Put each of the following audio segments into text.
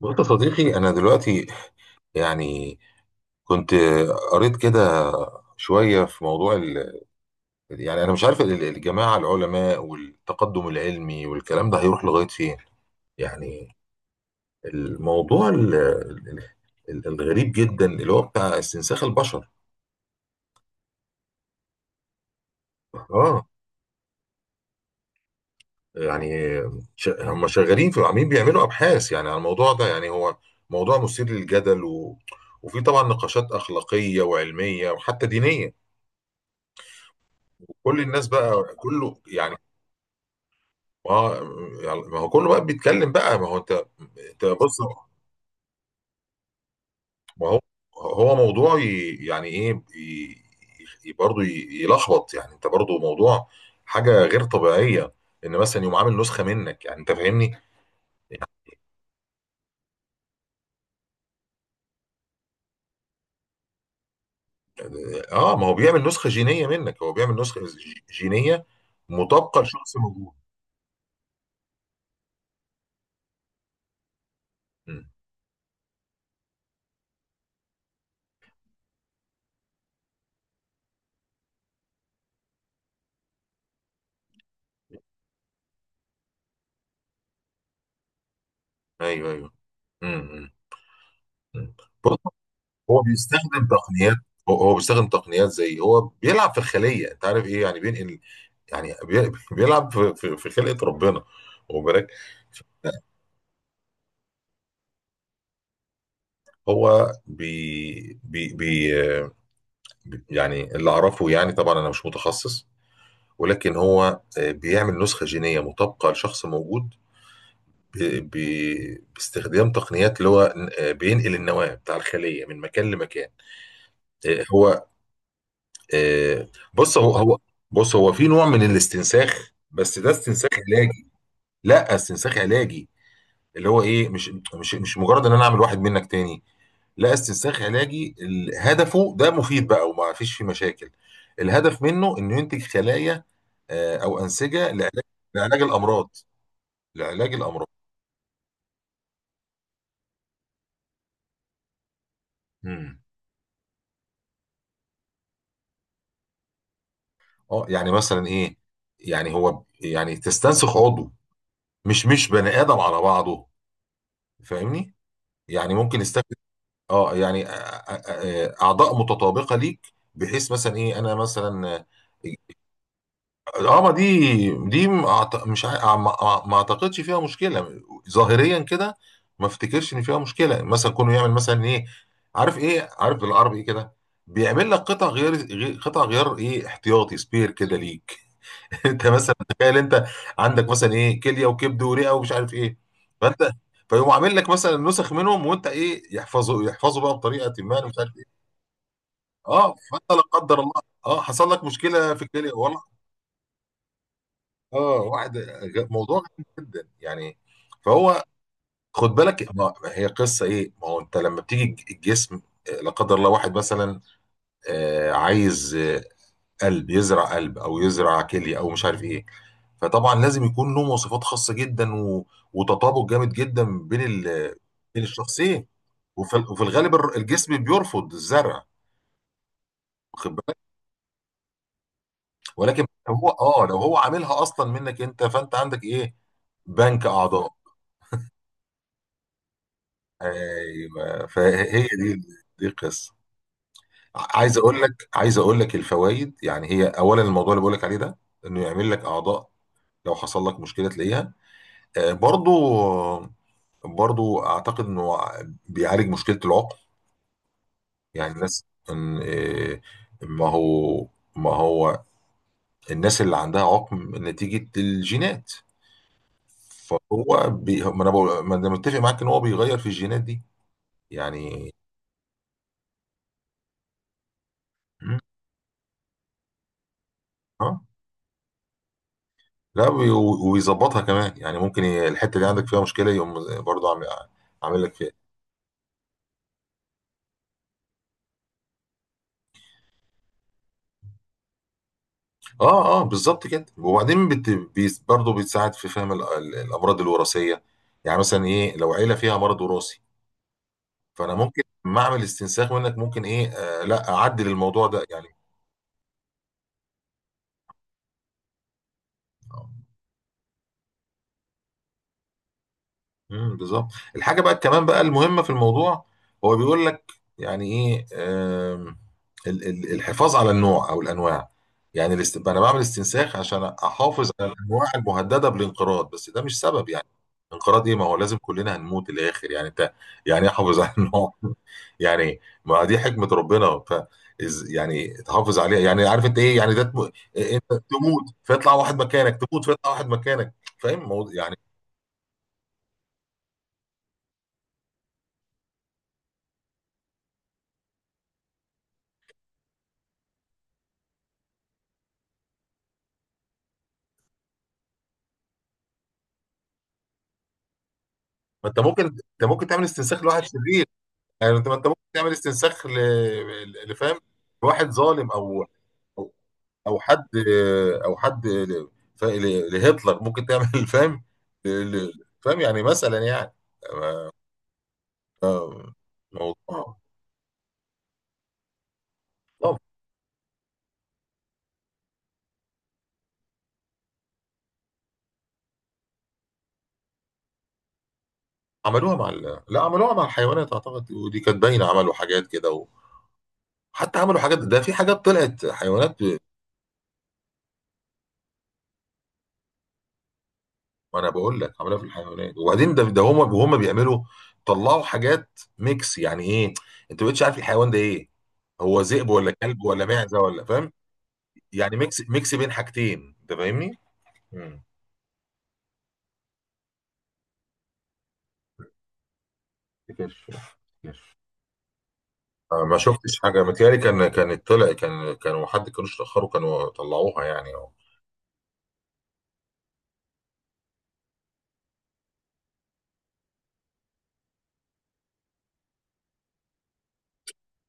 بص يا صديقي، أنا دلوقتي يعني كنت قريت كده شوية في موضوع يعني أنا مش عارف الجماعة العلماء والتقدم العلمي والكلام ده هيروح لغاية فين. يعني الموضوع الغريب جدا اللي هو بتاع استنساخ البشر. اه يعني هم شغالين في عاملين بيعملوا أبحاث يعني على الموضوع ده. يعني هو موضوع مثير للجدل وفي طبعا نقاشات أخلاقية وعلمية وحتى دينية. كل الناس بقى كله يعني، ما يعني، ما هو كله بقى بيتكلم بقى. ما هو انت بص. ما هو موضوع، ي- يعني ايه ي- ي- برضه ي- يلخبط يعني. انت برضه موضوع حاجه غير طبيعيه، ان مثلا يقوم عامل نسخه منك، يعني انت فاهمني؟ اه، ما هو بيعمل نسخه جينيه منك. هو بيعمل نسخه جينيه مطابقه لشخص موجود. مم. ايوه، ايوه. مم. مم. مم. هو بيستخدم تقنيات، هو بيستخدم تقنيات زي هو بيلعب في الخليه. انت عارف ايه يعني؟ بينقل يعني بيلعب في خلقه ربنا، واخد بالك؟ هو بي بي بي يعني اللي اعرفه. يعني طبعا انا مش متخصص، ولكن هو بيعمل نسخه جينيه مطابقه لشخص موجود باستخدام تقنيات اللي هو بينقل النواه بتاع الخليه من مكان لمكان. آه، هو آه، بص. هو في نوع من الاستنساخ، بس ده استنساخ علاجي. لا، استنساخ علاجي اللي هو ايه، مش مجرد ان انا اعمل واحد منك تاني. لا، استنساخ علاجي هدفه ده مفيد بقى، وما فيش فيه مشاكل. الهدف منه انه ينتج خلايا او انسجه لعلاج، لعلاج الامراض، لعلاج الامراض. امم. اه، يعني مثلا ايه، يعني هو، يعني تستنسخ عضو، مش بني ادم على بعضه، فاهمني؟ يعني ممكن يستخدم اه يعني اعضاء متطابقه ليك، بحيث مثلا ايه انا مثلا. اه، ما دي م- أعت- مش ع- ما ما- ما اعتقدش فيها مشكله ظاهريا كده. ما افتكرش ان فيها مشكله، مثلا كونه يعمل مثلا ايه، عارف ايه، عارف بالعربي ايه كده، بيعمل لك قطع غيار، ايه، احتياطي، سبير كده ليك. انت مثلا تخيل، انت عندك مثلا ايه كليه وكبد ورئه ومش عارف ايه. فانت فيقوم عامل لك مثلا نسخ منهم، وانت ايه، يحفظوا بقى بطريقه ما، انا مش عارف ايه. اه فانت لا قدر الله، اه حصل لك مشكله في الكليه، والله. اه، موضوع غريب جدا يعني. فهو، خد بالك، ما هي قصه ايه. ما هو انت لما بتيجي الجسم، لا قدر الله واحد مثلا عايز قلب، يزرع قلب او يزرع كليه او مش عارف ايه. فطبعا لازم يكون له مواصفات خاصه جدا وتطابق جامد جدا بين بين الشخصين. وفي الغالب الجسم بيرفض الزرع، واخد بالك. ولكن لو هو عاملها اصلا منك انت، فانت عندك ايه، بنك اعضاء. ايوه، فهي دي القصه. عايز اقول لك الفوائد، يعني هي اولا، الموضوع اللي بقول لك عليه ده انه يعمل لك اعضاء لو حصل لك مشكله تلاقيها. آه، برضو برضو اعتقد انه بيعالج مشكله العقم. يعني الناس إن إيه، ما هو ما هو الناس اللي عندها عقم نتيجه الجينات. فهو بي ما انا بقول- ما أنا متفق معاك ان هو بيغير في الجينات دي، يعني. مم، اه لا ويظبطها كمان. يعني ممكن الحته اللي عندك فيها مشكله يقوم برضو عامل لك. اه، اه، بالظبط كده. وبعدين برضه بتساعد في فهم الامراض الوراثيه. يعني مثلا ايه، لو عيله فيها مرض وراثي، فانا ممكن لما اعمل استنساخ منك، ممكن ايه لا اعدل الموضوع ده يعني. آه. امم، بالظبط. الحاجه بقى كمان بقى المهمه في الموضوع، هو بيقول لك يعني ايه، الحفاظ على النوع او الانواع. يعني انا بعمل استنساخ عشان احافظ على الانواع المهدده بالانقراض. بس ده مش سبب يعني، انقراض ايه، ما هو لازم كلنا هنموت الاخر يعني. انت يعني إيه احافظ على النوع؟ يعني ما دي حكمه ربنا، ف يعني تحافظ عليها يعني. عارف انت ايه يعني؟ إيه، انت تموت فيطلع واحد مكانك، تموت فيطلع واحد مكانك، فاهم يعني. ما انت ممكن تعمل استنساخ لواحد شرير. يعني انت ما انت ممكن تعمل استنساخ لفهم، لواحد ظالم، او او حد، او حد ل... لهتلر ممكن تعمل فاهم ل... فاهم، يعني مثلا يعني آه، موضوع. طب، عملوها مع لا، عملوها مع الحيوانات اعتقد، ودي كانت باينه. عملوا حاجات كده، وحتى عملوا حاجات، ده في حاجات طلعت حيوانات. ما انا بقول لك عاملها في الحيوانات. وبعدين ده هما بيعملوا، طلعوا حاجات ميكس يعني ايه. انت ما بقتش عارف الحيوان ده ايه، هو ذئب ولا كلب ولا معزه ولا فاهم. يعني ميكس ميكس بين حاجتين. انت فاهمني؟ امم. كرش، كرش. ما شفتش حاجه، متهيألي كان كانت طلع كان كانوا حد كانوش تاخروا كانوا طلعوها يعني أهو.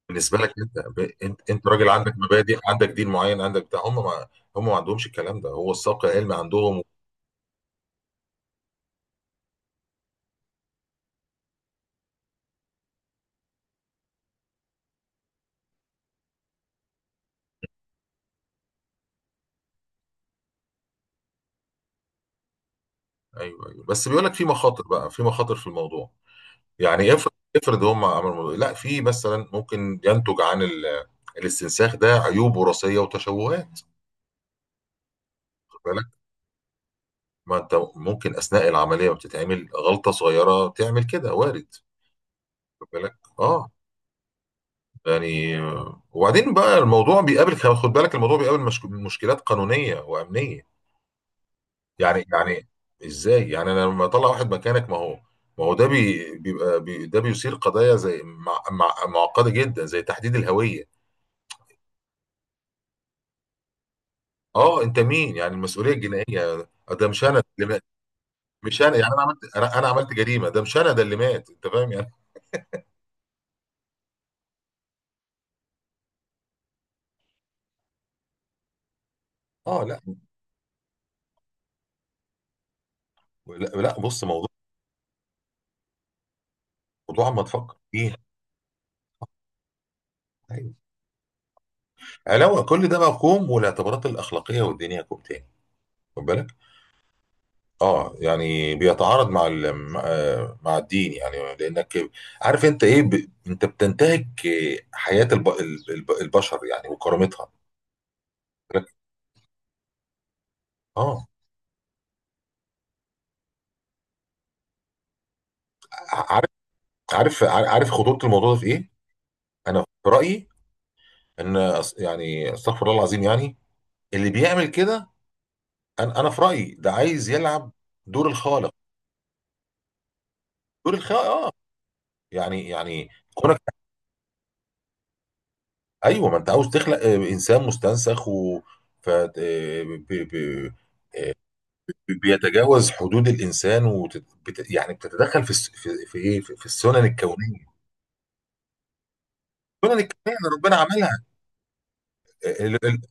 بالنسبه لك، انت ب- انت انت راجل عندك مبادئ، عندك دين معين، عندك بتاع. هم ما عندهمش الكلام ده. هو السبق العلمي عندهم. ايوه، ايوه، بس بيقول لك في مخاطر بقى، في مخاطر في الموضوع. يعني افرض هم عملوا، لا، في مثلا ممكن ينتج عن الاستنساخ ده عيوب وراثيه وتشوهات. خد بالك، ما انت ممكن اثناء العمليه بتتعمل غلطه صغيره تعمل كده، وارد. خد بالك. اه يعني وبعدين بقى الموضوع بيقابل، خد بالك، الموضوع بيقابل مشكلات قانونيه وامنيه. يعني ازاي يعني، انا لما اطلع واحد مكانك؟ ما هو ده بي بيبقى بي ده بيثير قضايا زي مع مع معقده جدا، زي تحديد الهويه. اه، انت مين يعني؟ المسؤوليه الجنائيه، ده مش انا اللي مات، مش انا يعني. انا عملت انا أنا عملت جريمه، ده مش انا، ده اللي مات، انت فاهم يعني؟ اه لا، لا, لا، بص موضوع، موضوع ما تفكر فيه. ايوه، علاوه كل ده بقى كوم، والاعتبارات الاخلاقيه والدينيه كوم تاني، خد بالك. اه يعني بيتعارض مع مع مع الدين، يعني لانك عارف انت ايه، انت بتنتهك حياه البشر يعني، وكرامتها، خد بالك؟ اه. ع- عارف عارف خطوره الموضوع ده في ايه. انا في رايي ان يعني استغفر الله العظيم يعني، اللي بيعمل كده. انا في رايي ده عايز يلعب دور الخالق، دور الخالق، اه. يعني، كونك، ايوه ما انت عاوز تخلق انسان مستنسخ، و ف آه، ب- ب- ب- بيتجاوز حدود الانسان، يعني بتتدخل في الس- في في ايه في في السنن الكونيه، السنن الكونيه اللي ربنا عملها. آه، ال- ال-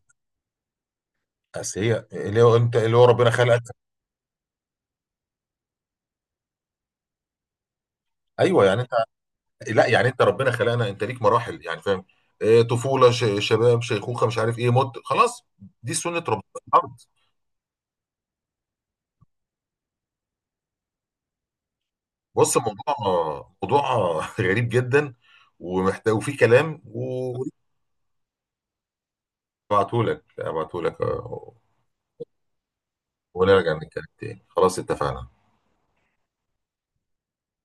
اصل هي، اللي هو انت، اللي هو ربنا خلقك. ايوه يعني. لا، يعني انت ربنا خلقنا، انت ليك مراحل يعني، فاهم؟ طفوله، شباب، شيخوخه، مش عارف ايه، موت، خلاص. دي سنه ربنا في الارض. بص موضوع غريب جدا، ومحتاج، وفي كلام وابعته لك، ونرجع نتكلم تاني، خلاص اتفقنا.